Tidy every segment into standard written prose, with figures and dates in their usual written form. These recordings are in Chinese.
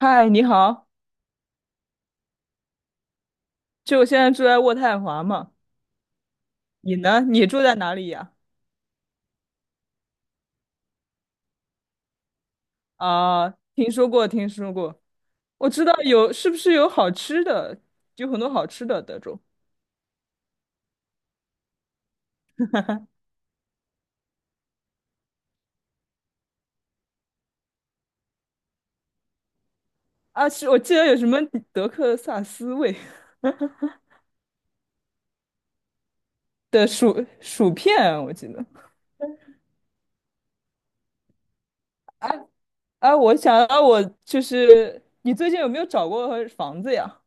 嗨，你好，就我现在住在渥太华嘛，你呢？你住在哪里呀？啊，听说过，听说过，我知道有，是不是有好吃的？有很多好吃的德州啊，是我记得有什么德克萨斯味 的薯片，我记得。哎、哎、我想到我就是，你最近有没有找过房子呀？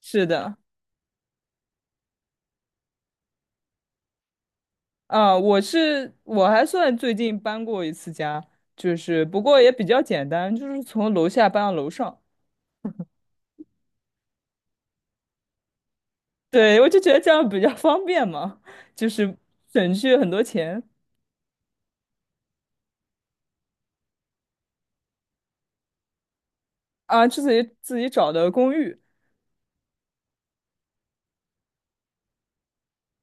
是的，啊，我还算最近搬过一次家，就是不过也比较简单，就是从楼下搬到楼上。对，我就觉得这样比较方便嘛，就是省去很多钱啊。自己找的公寓，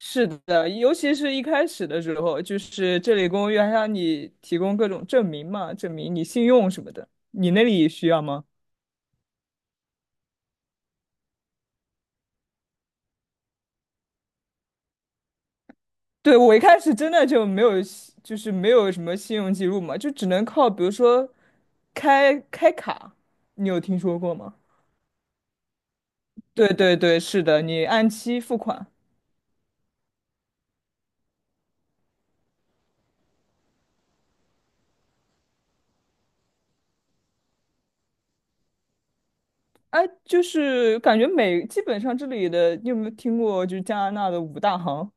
是的，尤其是一开始的时候，就是这里公寓还让你提供各种证明嘛，证明你信用什么的。你那里需要吗？对，我一开始真的就是没有什么信用记录嘛，就只能靠比如说开卡，你有听说过吗？对对对，是的，你按期付款。哎，就是感觉基本上这里的，你有没有听过？就是加拿大的五大行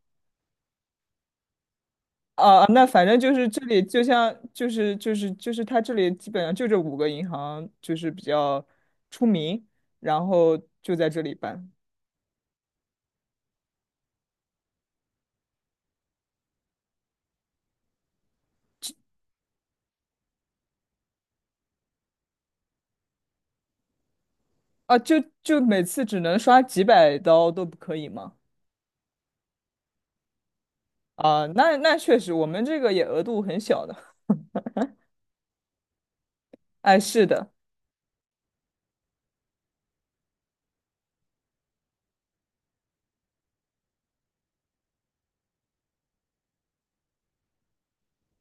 啊，那反正就是这里，就像就是它这里基本上就这五个银行就是比较出名，然后就在这里办啊，就每次只能刷几百刀都不可以吗？啊，那确实，我们这个也额度很小的。哎，是的。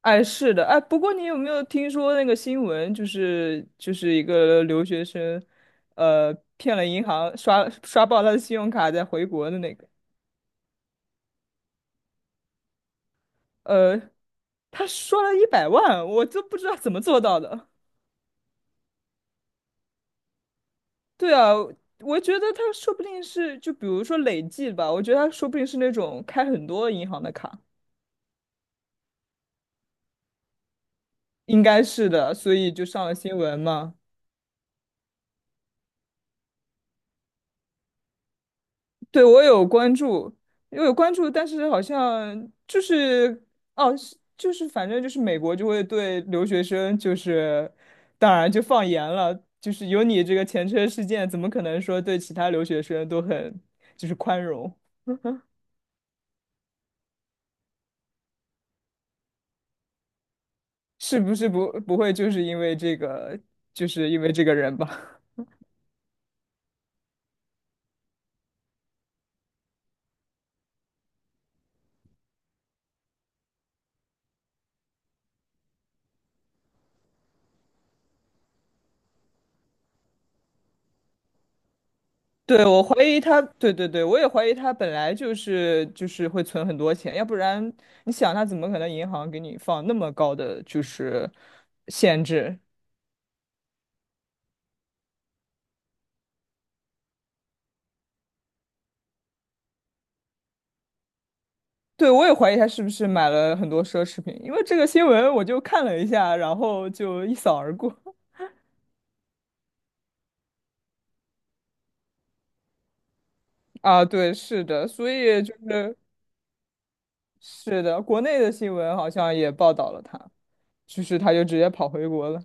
哎，是的，哎，不过你有没有听说那个新闻，就是一个留学生，骗了银行，刷爆他的信用卡再回国的那个，呃，他刷了100万，我都不知道怎么做到的。对啊，我觉得他说不定是，就比如说累计吧，我觉得他说不定是那种开很多银行的卡，应该是的，所以就上了新闻嘛。对，我有关注，我有关注，但是好像就是哦，是就是反正就是美国就会对留学生就是当然就放严了，就是有你这个前车事件，怎么可能说对其他留学生都很就是宽容？是不是不会就是因为这个，就是因为这个人吧？对，我怀疑他，对对对，我也怀疑他本来就是会存很多钱，要不然你想他怎么可能银行给你放那么高的就是限制？对，我也怀疑他是不是买了很多奢侈品，因为这个新闻我就看了一下，然后就一扫而过。啊，对，是的，所以就是是的，国内的新闻好像也报道了他，就是他就直接跑回国了。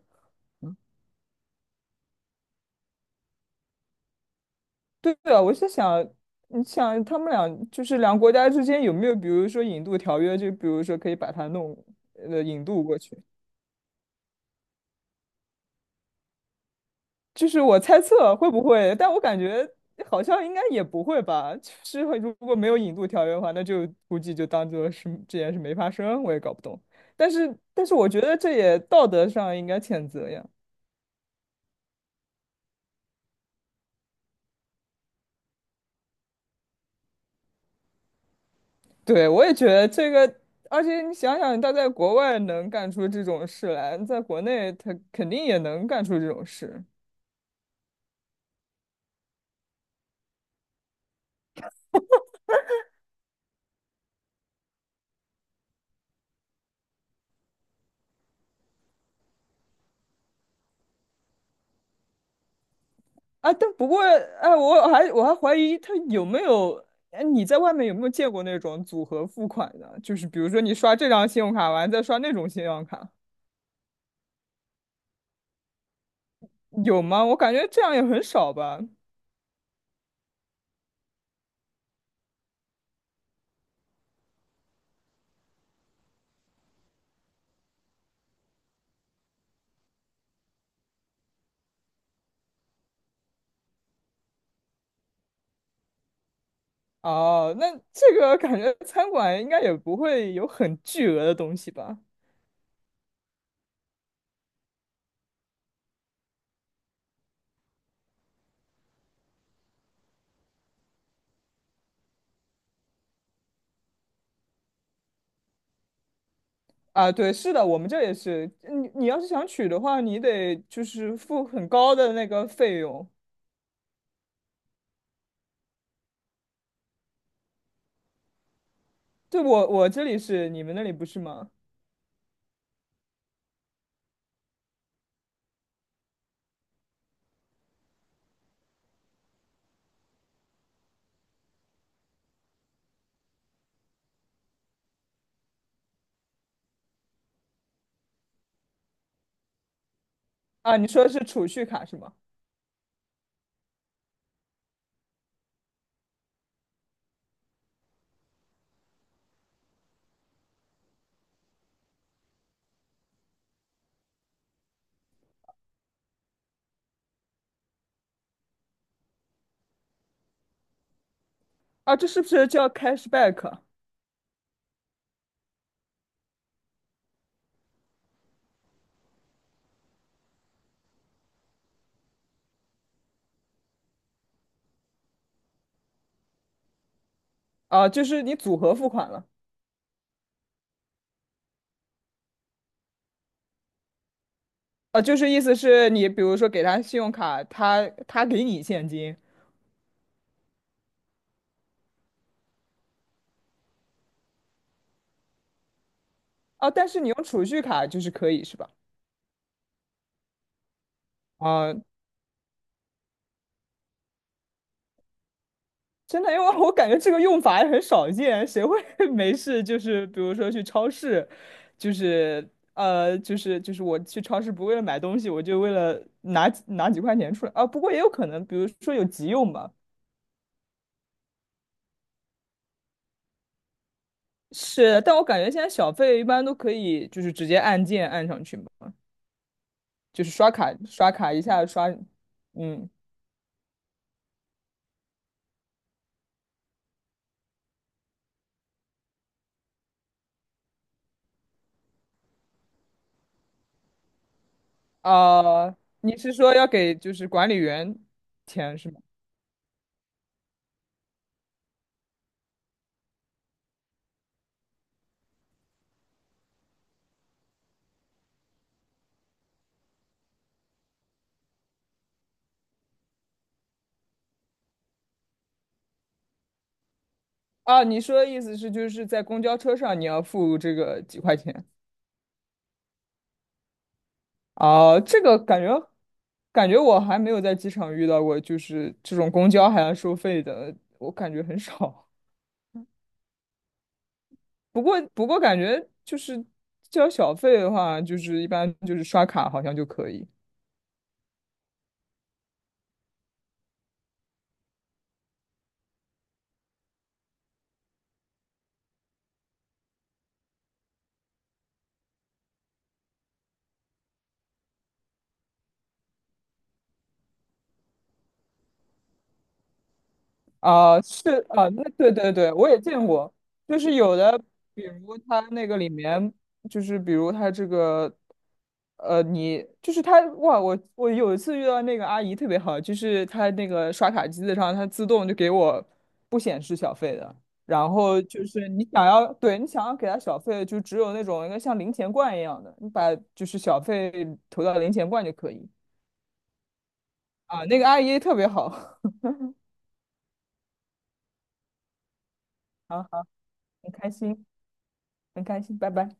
对啊，我是想，你想他们俩就是两个国家之间有没有，比如说引渡条约，就比如说可以把他弄，引渡过去。就是我猜测会不会，但我感觉好像应该也不会吧。就是会如果没有引渡条约的话，那就估计就当做是这件事没发生，我也搞不懂。但是,我觉得这也道德上应该谴责呀。对，我也觉得这个，而且你想想，他在国外能干出这种事来，在国内他肯定也能干出这种事。啊，但不过，哎，我还怀疑他有没有，哎，你在外面有没有见过那种组合付款的？就是比如说你刷这张信用卡完再刷那种信用卡，有吗？我感觉这样也很少吧。哦，那这个感觉餐馆应该也不会有很巨额的东西吧？啊，对，是的，我们这也是，你要是想取的话，你得就是付很高的那个费用。对，我这里是，你们那里不是吗？啊，你说的是储蓄卡是吗？啊，这是不是叫 cashback 啊？就是你组合付款了啊，就是意思是你比如说给他信用卡，他给你现金啊，但是你用储蓄卡就是可以是吧？啊，真的，因为我感觉这个用法也很少见，谁会 没事就是比如说去超市，就是我去超市不为了买东西，我就为了拿几块钱出来啊。不过也有可能，比如说有急用吧。是，但我感觉现在小费一般都可以，就是直接按键按上去嘛。就是刷卡一下刷，嗯啊、你是说要给就是管理员钱是吗？啊，你说的意思是就是在公交车上你要付这个几块钱？啊，这个感觉我还没有在机场遇到过，就是这种公交还要收费的，我感觉很少。不过感觉就是交小费的话，就是一般就是刷卡好像就可以。啊、是啊、那对对对，我也见过，就是有的，比如他那个里面，就是比如他这个，呃，你就是他，哇，我有一次遇到那个阿姨特别好，就是她那个刷卡机子上，它自动就给我不显示小费的，然后就是你想要，对你想要给她小费，就只有那种一个像零钱罐一样的，你把就是小费投到零钱罐就可以啊，那个阿姨特别好，好好，很开心，很开心，拜拜。